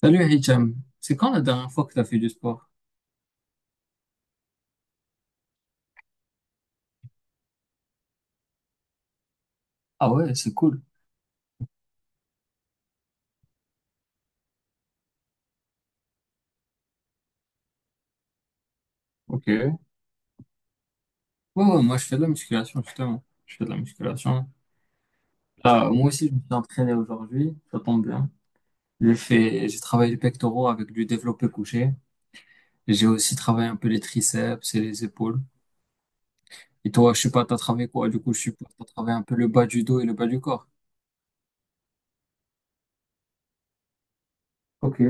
Salut Hicham, c'est quand la dernière fois que tu as fait du sport? Ah ouais, c'est cool. Ok. Ouais, ouais, moi je fais de la musculation justement. Je fais de la musculation. Là, moi aussi je me suis entraîné aujourd'hui, ça tombe bien. J'ai travaillé les pectoraux avec du développé couché. J'ai aussi travaillé un peu les triceps et les épaules. Et toi, je sais pas, t'as travaillé quoi? Du coup, je suppose que t'as travaillé un peu le bas du dos et le bas du corps. Ok,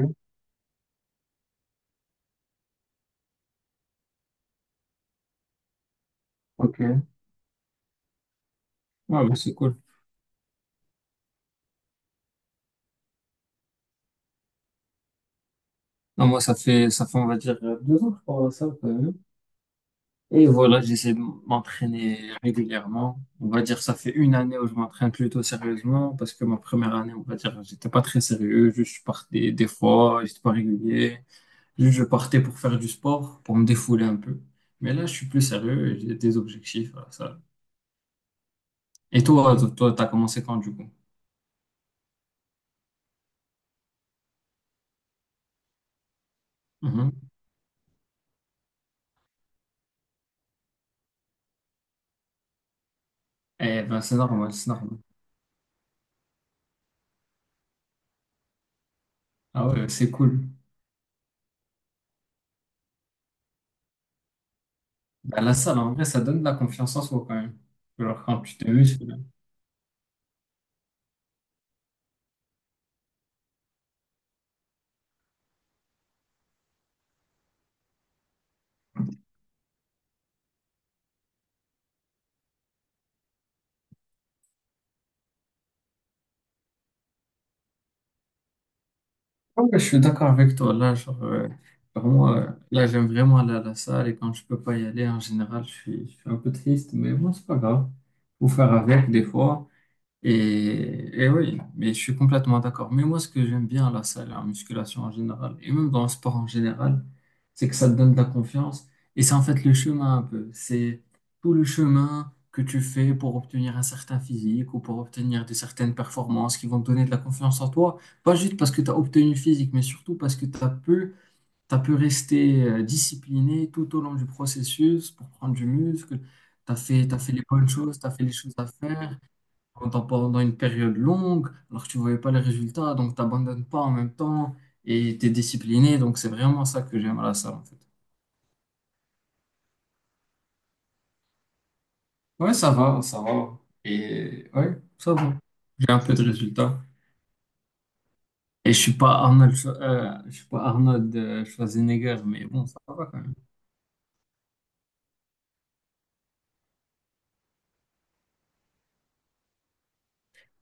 ok. Ouais, bah, c'est cool. Non, moi ça fait on va dire 2 ans que je parle à ça. Et voilà, j'essaie de m'entraîner régulièrement. On va dire, ça fait une année où je m'entraîne plutôt sérieusement parce que ma première année, on va dire, j'étais pas très sérieux. Juste, je partais des fois, j'étais pas régulier. Juste, je partais pour faire du sport, pour me défouler un peu. Mais là, je suis plus sérieux et j'ai des objectifs à ça. Et toi, t'as commencé quand du coup? Mhm. Eh ben, c'est normal, c'est normal. Ah ouais, c'est cool. Ben, la salle, en vrai, ça donne de la confiance en soi quand même. Genre, quand tu te muscles. Ouais, je suis d'accord avec toi. Là, genre, genre, moi, là, j'aime vraiment aller à la salle et quand je peux pas y aller, en général, je suis un peu triste, mais bon, c'est pas grave. Faut faire avec des fois. Et oui, mais je suis complètement d'accord. Mais moi, ce que j'aime bien à la salle, en musculation en général, et même dans le sport en général, c'est que ça te donne de la confiance. Et c'est en fait le chemin un peu. C'est tout le chemin que tu fais pour obtenir un certain physique ou pour obtenir de certaines performances qui vont te donner de la confiance en toi. Pas juste parce que tu as obtenu le physique, mais surtout parce que t'as pu rester discipliné tout au long du processus pour prendre du muscle. Tu fait les bonnes choses, tu as fait les choses à faire pendant une période longue, alors que tu voyais pas les résultats, donc t'abandonnes pas en même temps et t'es discipliné. Donc c'est vraiment ça que j'aime à la salle en fait. Ouais, ça va, ça va. Et ouais, ça va. J'ai un peu de résultats. Je suis pas Arnold Schwarzenegger, mais bon, ça va quand même.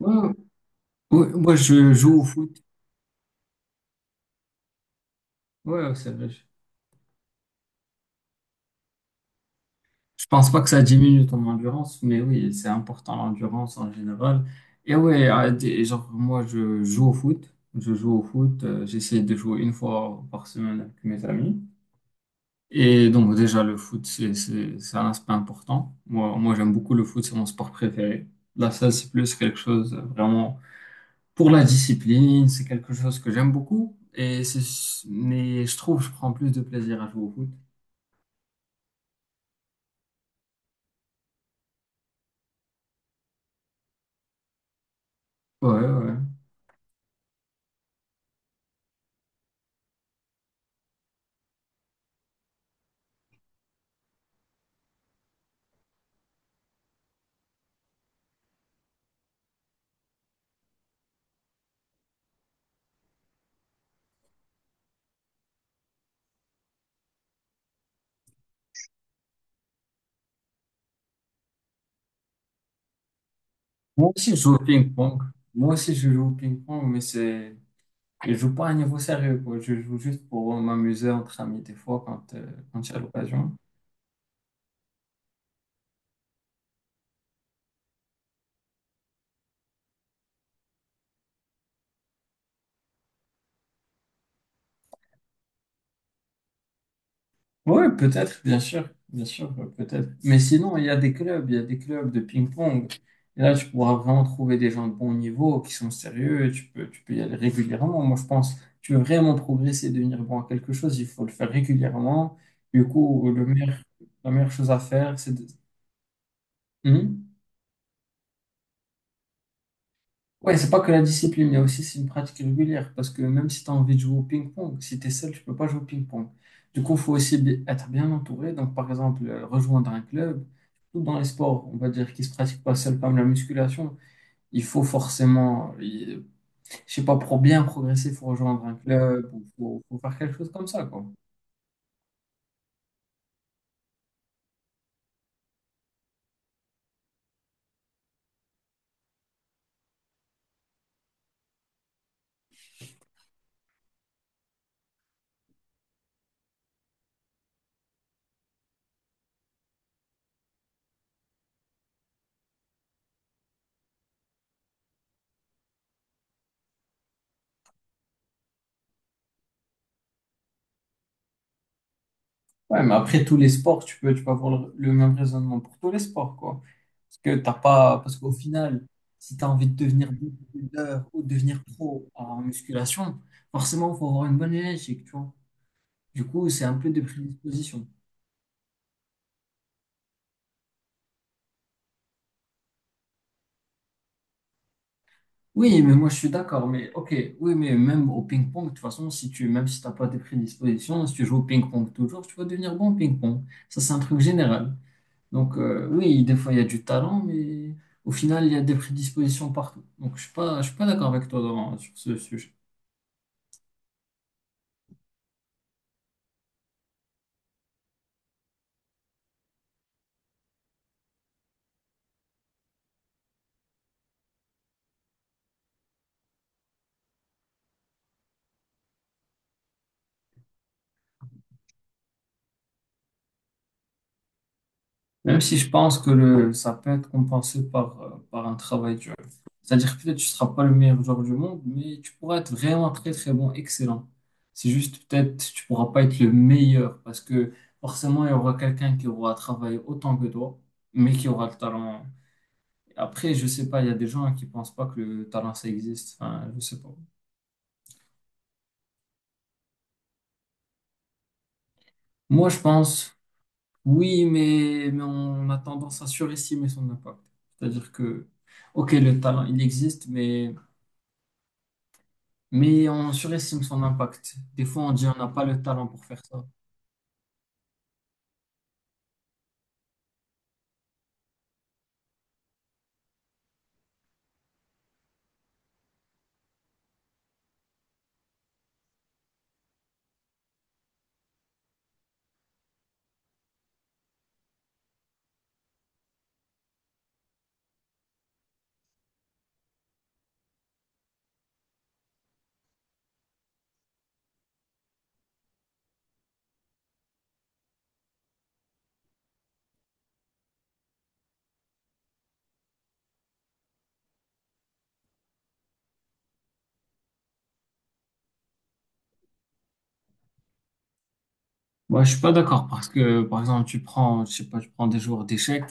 Ouais, ouais, moi je joue au foot. Ouais, c'est vrai. Je pense pas que ça diminue ton endurance, mais oui, c'est important l'endurance en général. Et oui, genre moi je joue au foot, j'essaie de jouer une fois par semaine avec mes amis. Et donc déjà le foot c'est un aspect important. Moi j'aime beaucoup le foot, c'est mon sport préféré. La salle c'est plus quelque chose vraiment pour la discipline, c'est quelque chose que j'aime beaucoup. Et c'est Mais je trouve que je prends plus de plaisir à jouer au foot. Ouais ouais. Moi aussi, je joue au ping-pong. Moi aussi, je joue au ping-pong. Je joue pas à un niveau sérieux, quoi. Je joue juste pour m'amuser entre amis, des fois, quand j'ai l'occasion. Oui, peut-être, bien sûr. Bien sûr, peut-être. Mais sinon, il y a des clubs, il y a des clubs de ping-pong. Et là, tu pourras vraiment trouver des gens de bon niveau, qui sont sérieux. Tu peux y aller régulièrement. Moi, je pense, tu veux vraiment progresser, devenir bon à quelque chose, il faut le faire régulièrement. Du coup, la meilleure chose à faire, c'est de. Hmm. Ouais, c'est pas que la discipline, mais aussi c'est une pratique régulière. Parce que même si tu as envie de jouer au ping-pong, si tu es seul, tu peux pas jouer au ping-pong. Du coup, il faut aussi être bien entouré. Donc, par exemple, rejoindre un club, surtout dans les sports, on va dire, qui se pratiquent pas seul, comme la musculation, il faut forcément, je sais pas, pour bien progresser, il faut rejoindre un club ou faut faire quelque chose comme ça, quoi. Ouais, mais après tous les sports, tu peux avoir le même raisonnement pour tous les sports, quoi. Parce que t'as pas, parce qu'au final, si tu as envie de devenir bodybuilder ou de devenir pro en musculation, forcément, il faut avoir une bonne génétique, tu vois. Du coup, c'est un peu de prédisposition. Oui, mais moi, je suis d'accord, mais ok, oui, mais même au ping-pong, de toute façon, si tu, même si t'as pas de prédisposition, si tu joues au ping-pong toujours, tu vas devenir bon au ping-pong. Ça, c'est un truc général. Donc, oui, des fois, il y a du talent, mais au final, il y a des prédispositions partout. Donc, je suis pas d'accord avec toi Doran, sur ce sujet. Même si je pense que ça peut être compensé par, par un travail dur. C'est-à-dire que peut-être tu ne seras pas le meilleur joueur du monde, mais tu pourras être vraiment très, très bon, excellent. C'est juste peut-être tu ne pourras pas être le meilleur parce que forcément, il y aura quelqu'un qui aura travaillé autant que toi, mais qui aura le talent. Après, je sais pas, il y a des gens qui pensent pas que le talent, ça existe. Enfin, je sais pas. Moi, je pense. Oui, mais on a tendance à surestimer son impact. C'est-à-dire que, ok, le talent, il existe, mais on surestime son impact. Des fois, on dit on n'a pas le talent pour faire ça. Moi, je suis pas d'accord parce que, par exemple, je sais pas, tu prends des joueurs d'échecs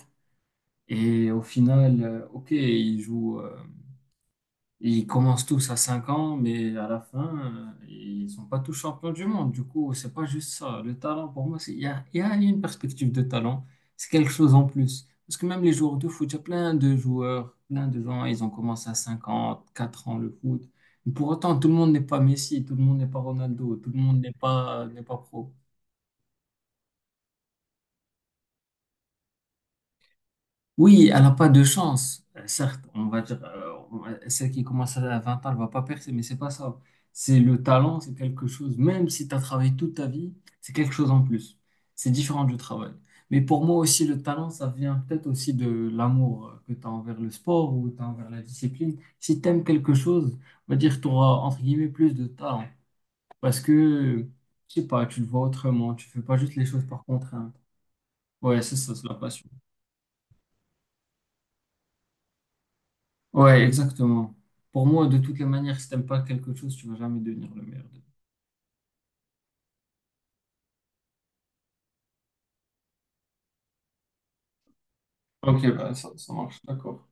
et au final, ok, ils jouent. Ils commencent tous à 5 ans, mais à la fin, ils sont pas tous champions du monde. Du coup, c'est pas juste ça. Le talent, pour moi, il y a une perspective de talent. C'est quelque chose en plus. Parce que même les joueurs de foot, il y a plein de joueurs, plein de gens, ils ont commencé à 5 ans, 4 ans le foot. Mais pour autant, tout le monde n'est pas Messi, tout le monde n'est pas Ronaldo, tout le monde n'est pas pro. Oui, elle n'a pas de chance. Certes, on va dire, celle qui commence à 20 ans, elle va pas percer, mais c'est pas ça. C'est le talent, c'est quelque chose, même si tu as travaillé toute ta vie, c'est quelque chose en plus. C'est différent du travail. Mais pour moi aussi, le talent, ça vient peut-être aussi de l'amour que tu as envers le sport ou tu as envers la discipline. Si tu aimes quelque chose, on va dire, tu auras, entre guillemets, plus de talent. Parce que, je sais pas, tu le vois autrement, tu fais pas juste les choses par contrainte. Ouais, c'est ça, c'est la passion. Ouais, exactement. Pour moi, de toutes les manières, si t'aimes pas quelque chose, tu vas jamais devenir le meilleur. Ok, bah, ça marche, d'accord.